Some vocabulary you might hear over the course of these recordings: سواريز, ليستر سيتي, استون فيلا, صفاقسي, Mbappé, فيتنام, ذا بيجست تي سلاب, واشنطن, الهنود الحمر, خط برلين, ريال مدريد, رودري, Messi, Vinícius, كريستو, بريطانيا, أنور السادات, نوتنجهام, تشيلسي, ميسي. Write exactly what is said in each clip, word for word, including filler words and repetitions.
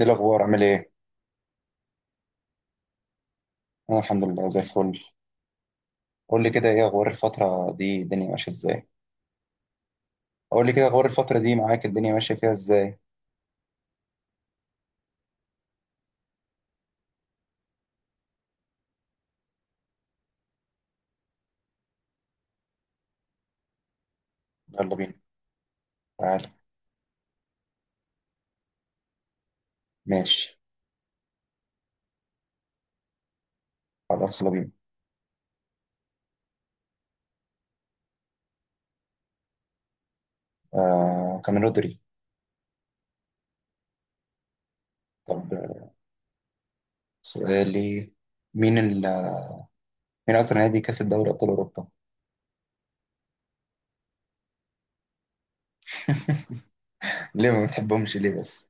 ايه الاخبار؟ عامل ايه؟ انا الحمد لله زي الفل. قول لي كده، ايه اخبار الفتره دي؟ الدنيا ماشيه ازاي؟ قول لي كده اخبار الفتره دي معاك، الدنيا ماشيه فيها ازاي؟ يلا بينا. تعالى. ماشي. خلاص يلا بينا. آه، كان رودري. طب سؤالي. مين ال... مين اكتر نادي كسب دوري ابطال اوروبا؟ ليه ما بتحبهمش ليه بس؟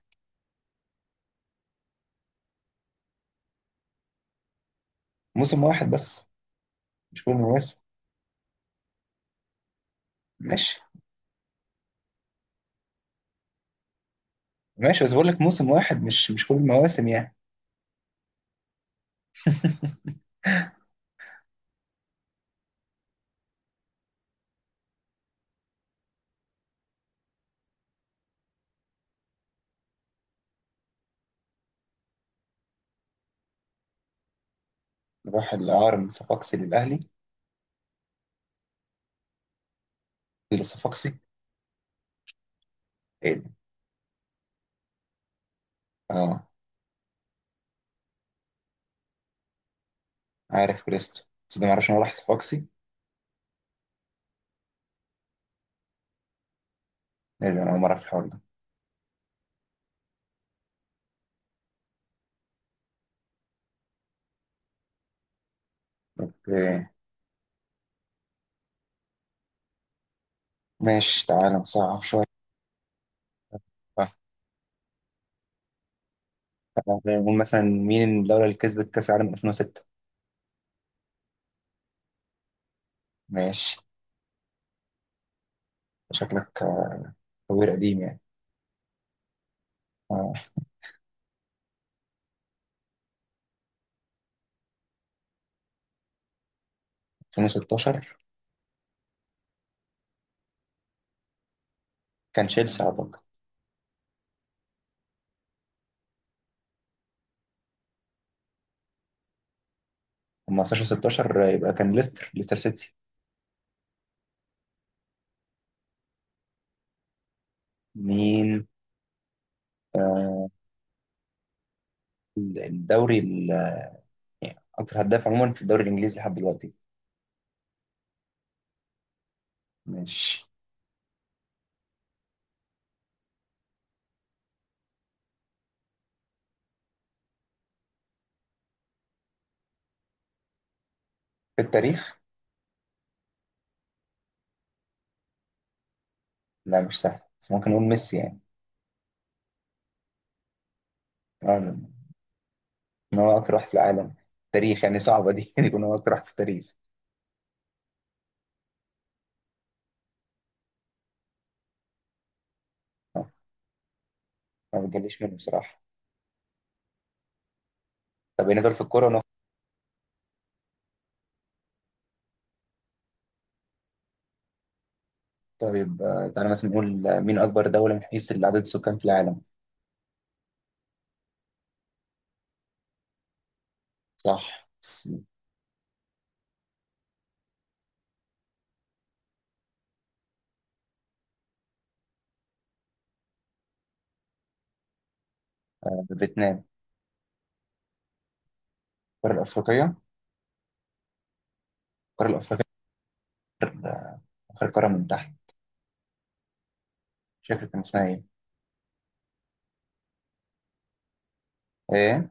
موسم واحد بس؟ مش كل المواسم. ماشي. ماشي بس بقول لك موسم واحد، مش مش كل المواسم يعني. راح الاعاره من صفاقسي للاهلي. لصفاقسي. ايه ده؟ اه عارف كريستو. بس ده معرفش إن هو راح صفاقسي. ايه ده، انا اول مره في الحوار ده. اوكي. ماشي، تعالى نصعب شويه. بقى. تعالى نقول مثلا، مين الدوله اللي كسبت كاس العالم ألفين وستة؟ ماشي. شكلك آه، خبير قديم يعني. آه، ألفين وستة عشر كان تشيلسي اعتقد. أما خمستاشر ستة عشر يبقى كان ليستر ليستر سيتي. مين آه، الدوري ال- يعني اكتر هداف عموما في الدوري الانجليزي لحد دلوقتي؟ ماشي. في التاريخ. لا مش سهل، بس ممكن نقول ميسي يعني. آه، ان هو اكتر واحد في العالم. تاريخ يعني، صعبه دي ان يكون هو اكتر واحد في التاريخ. آه. ما بتجليش منه بصراحه. طب هنا دول في الكوره ونخ... طيب آه، تعالى مثلا نقول آه، مين اكبر دوله من حيث عدد السكان في العالم؟ صح س- آه، فيتنام. القاره الافريقيه. القاره الافريقيه آخر آخر قاره من تحت. مش فاكر كان اسمها ايه. ايه.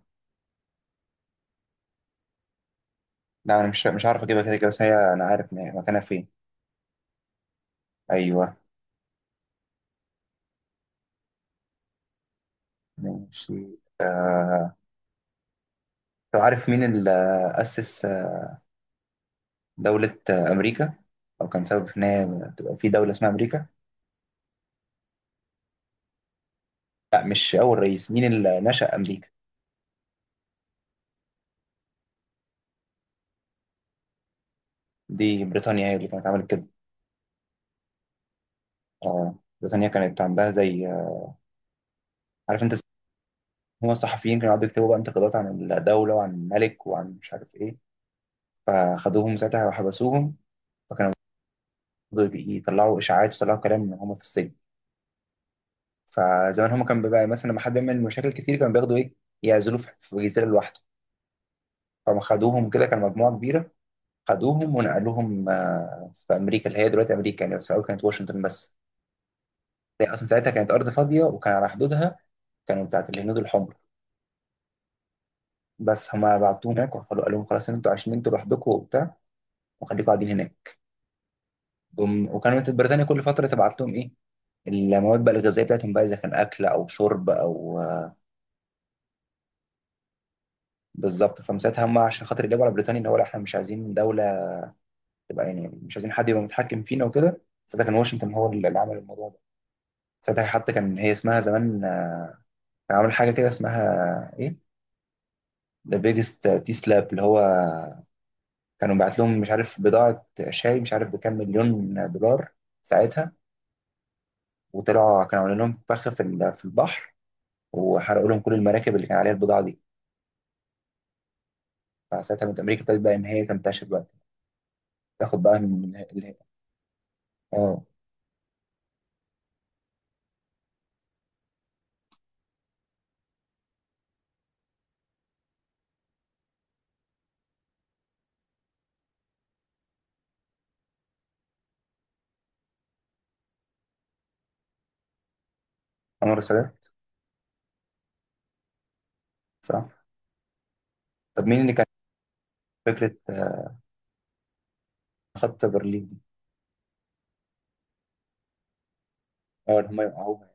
لا انا مش مش عارف اجيبها، كده كده، بس هي انا عارف إن هي مكانها فين. ايوه. ماشي. آه... طب عارف مين اللي اسس آه، دوله آه، امريكا؟ او كان سبب في ان هي تبقى في دوله اسمها امريكا؟ لا مش أول رئيس، مين اللي نشأ أمريكا. دي بريطانيا هي اللي كانت عملت كده. آه. بريطانيا كانت عندها زي آه، عارف أنت، هما الصحفيين كانوا قعدوا يكتبوا بقى انتقادات عن الدولة وعن الملك وعن مش عارف إيه، فخدوهم ساعتها وحبسوهم. فكانوا برضه يطلعوا إشاعات ويطلعوا كلام من هما في السجن. فزمان هما كان بيبقى مثلا لما حد بيعمل مشاكل كتير كانوا بياخدوا إيه، يعزلوه في في جزيرة لوحده. فما خدوهم كده كان مجموعة كبيرة. خدوهم ونقلوهم آه، في أمريكا اللي هي دلوقتي أمريكا يعني، بس في الأول كانت واشنطن بس. هي اصلا ساعتها كانت ارض فاضيه، وكان على حدودها كانوا بتاعت الهنود الحمر. بس هما بعتوه هناك وقالوا، قال لهم خلاص إن انتوا عايشين انتوا لوحدكم وبتاع، وخليكم قاعدين هناك. جم وكانت بريطانيا كل فتره تبعت لهم ايه، المواد بقى الغذائيه بتاعتهم بقى، اذا كان اكل او شرب او آه، بالظبط، فمساعتها هم عشان خاطر يجيبوا على بريطانيا، اللي هو لا احنا مش عايزين دوله تبقى، يعني مش عايزين حد يبقى متحكم فينا وكده. ساعتها كان واشنطن هو اللي عمل الموضوع ده. ساعتها حتى كان هي اسمها زمان آه، كان عامل حاجه كده اسمها ايه، ذا بيجست تي سلاب، اللي هو كانوا بعت لهم مش عارف بضاعة شاي مش عارف بكام مليون دولار ساعتها، وطلعوا كانوا عاملين لهم فخ في ال- في البحر، وحرقوا لهم كل المراكب اللي كان عليها البضاعة دي. فساعتها من أمريكا ابتدت بقى إن هي تنتشر بقى، تاخد بقى من اللي هي. اه. أنور السادات. صح. طب مين اللي كان فكرة آه، خط برلين دي؟ اه اللي هم يوقعوها.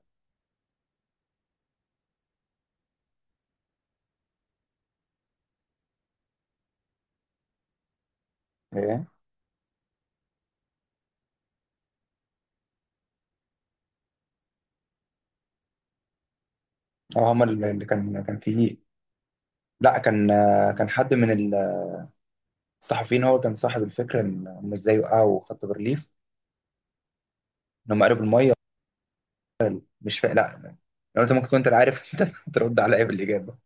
ايه. اه هم اللي اللي كان كان فيه. لا كان، آه، كان حد من الصحفيين، هو كان صاحب الفكرة إن هم ازاي وقعوا خط برلين. إن هم قالوا بالمية. مش فا... لا، لو انت ممكن كنت عارف انت ترد عليا بالاجابه.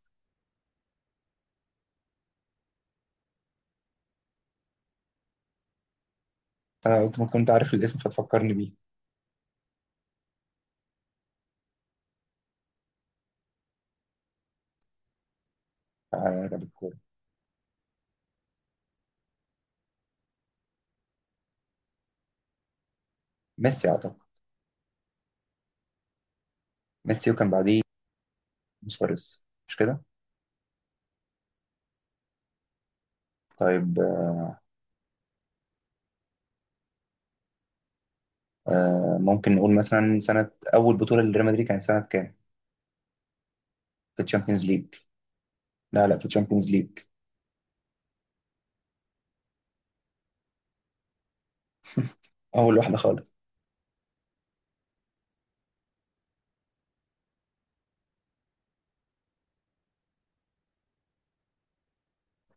انا قلت ممكن كنت عارف الاسم فتفكرني بيه. آه. لاعب الكوره. ميسي اعتقد. ميسي، وكان بعديه سواريز مش كده؟ طيب، آه ممكن نقول مثلا سنه اول بطوله لريال مدريد كانت سنه كام، في الشامبيونز ليج؟ لا لا، في الشامبيونز ليج. اول واحده خالص.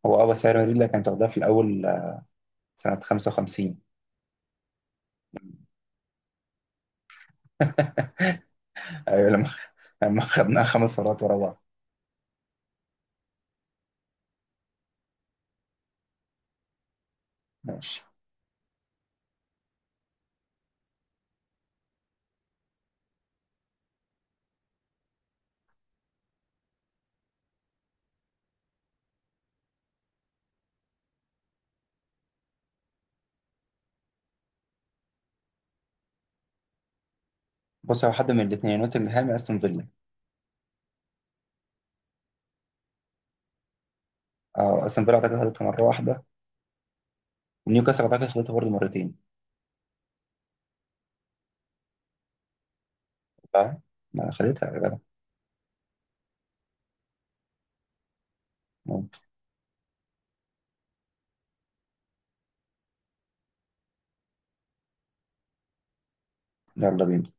هو اه، بس هي ريال مدريد اللي كانت واخداها في الاول آه، سنه خمسة وخمسين. ايوه لما لما خدناها خمس مرات ورا بعض. ماشي. بص، هو حد من الاثنين، نوتنجهام يا استون فيلا. اه استون فيلا اعتقد خدتها مره واحده. ونيوكاسل أعتقد خدتها برضه مرتين. صح؟ ما خدتها يا جدع. ممكن. يلا بينا.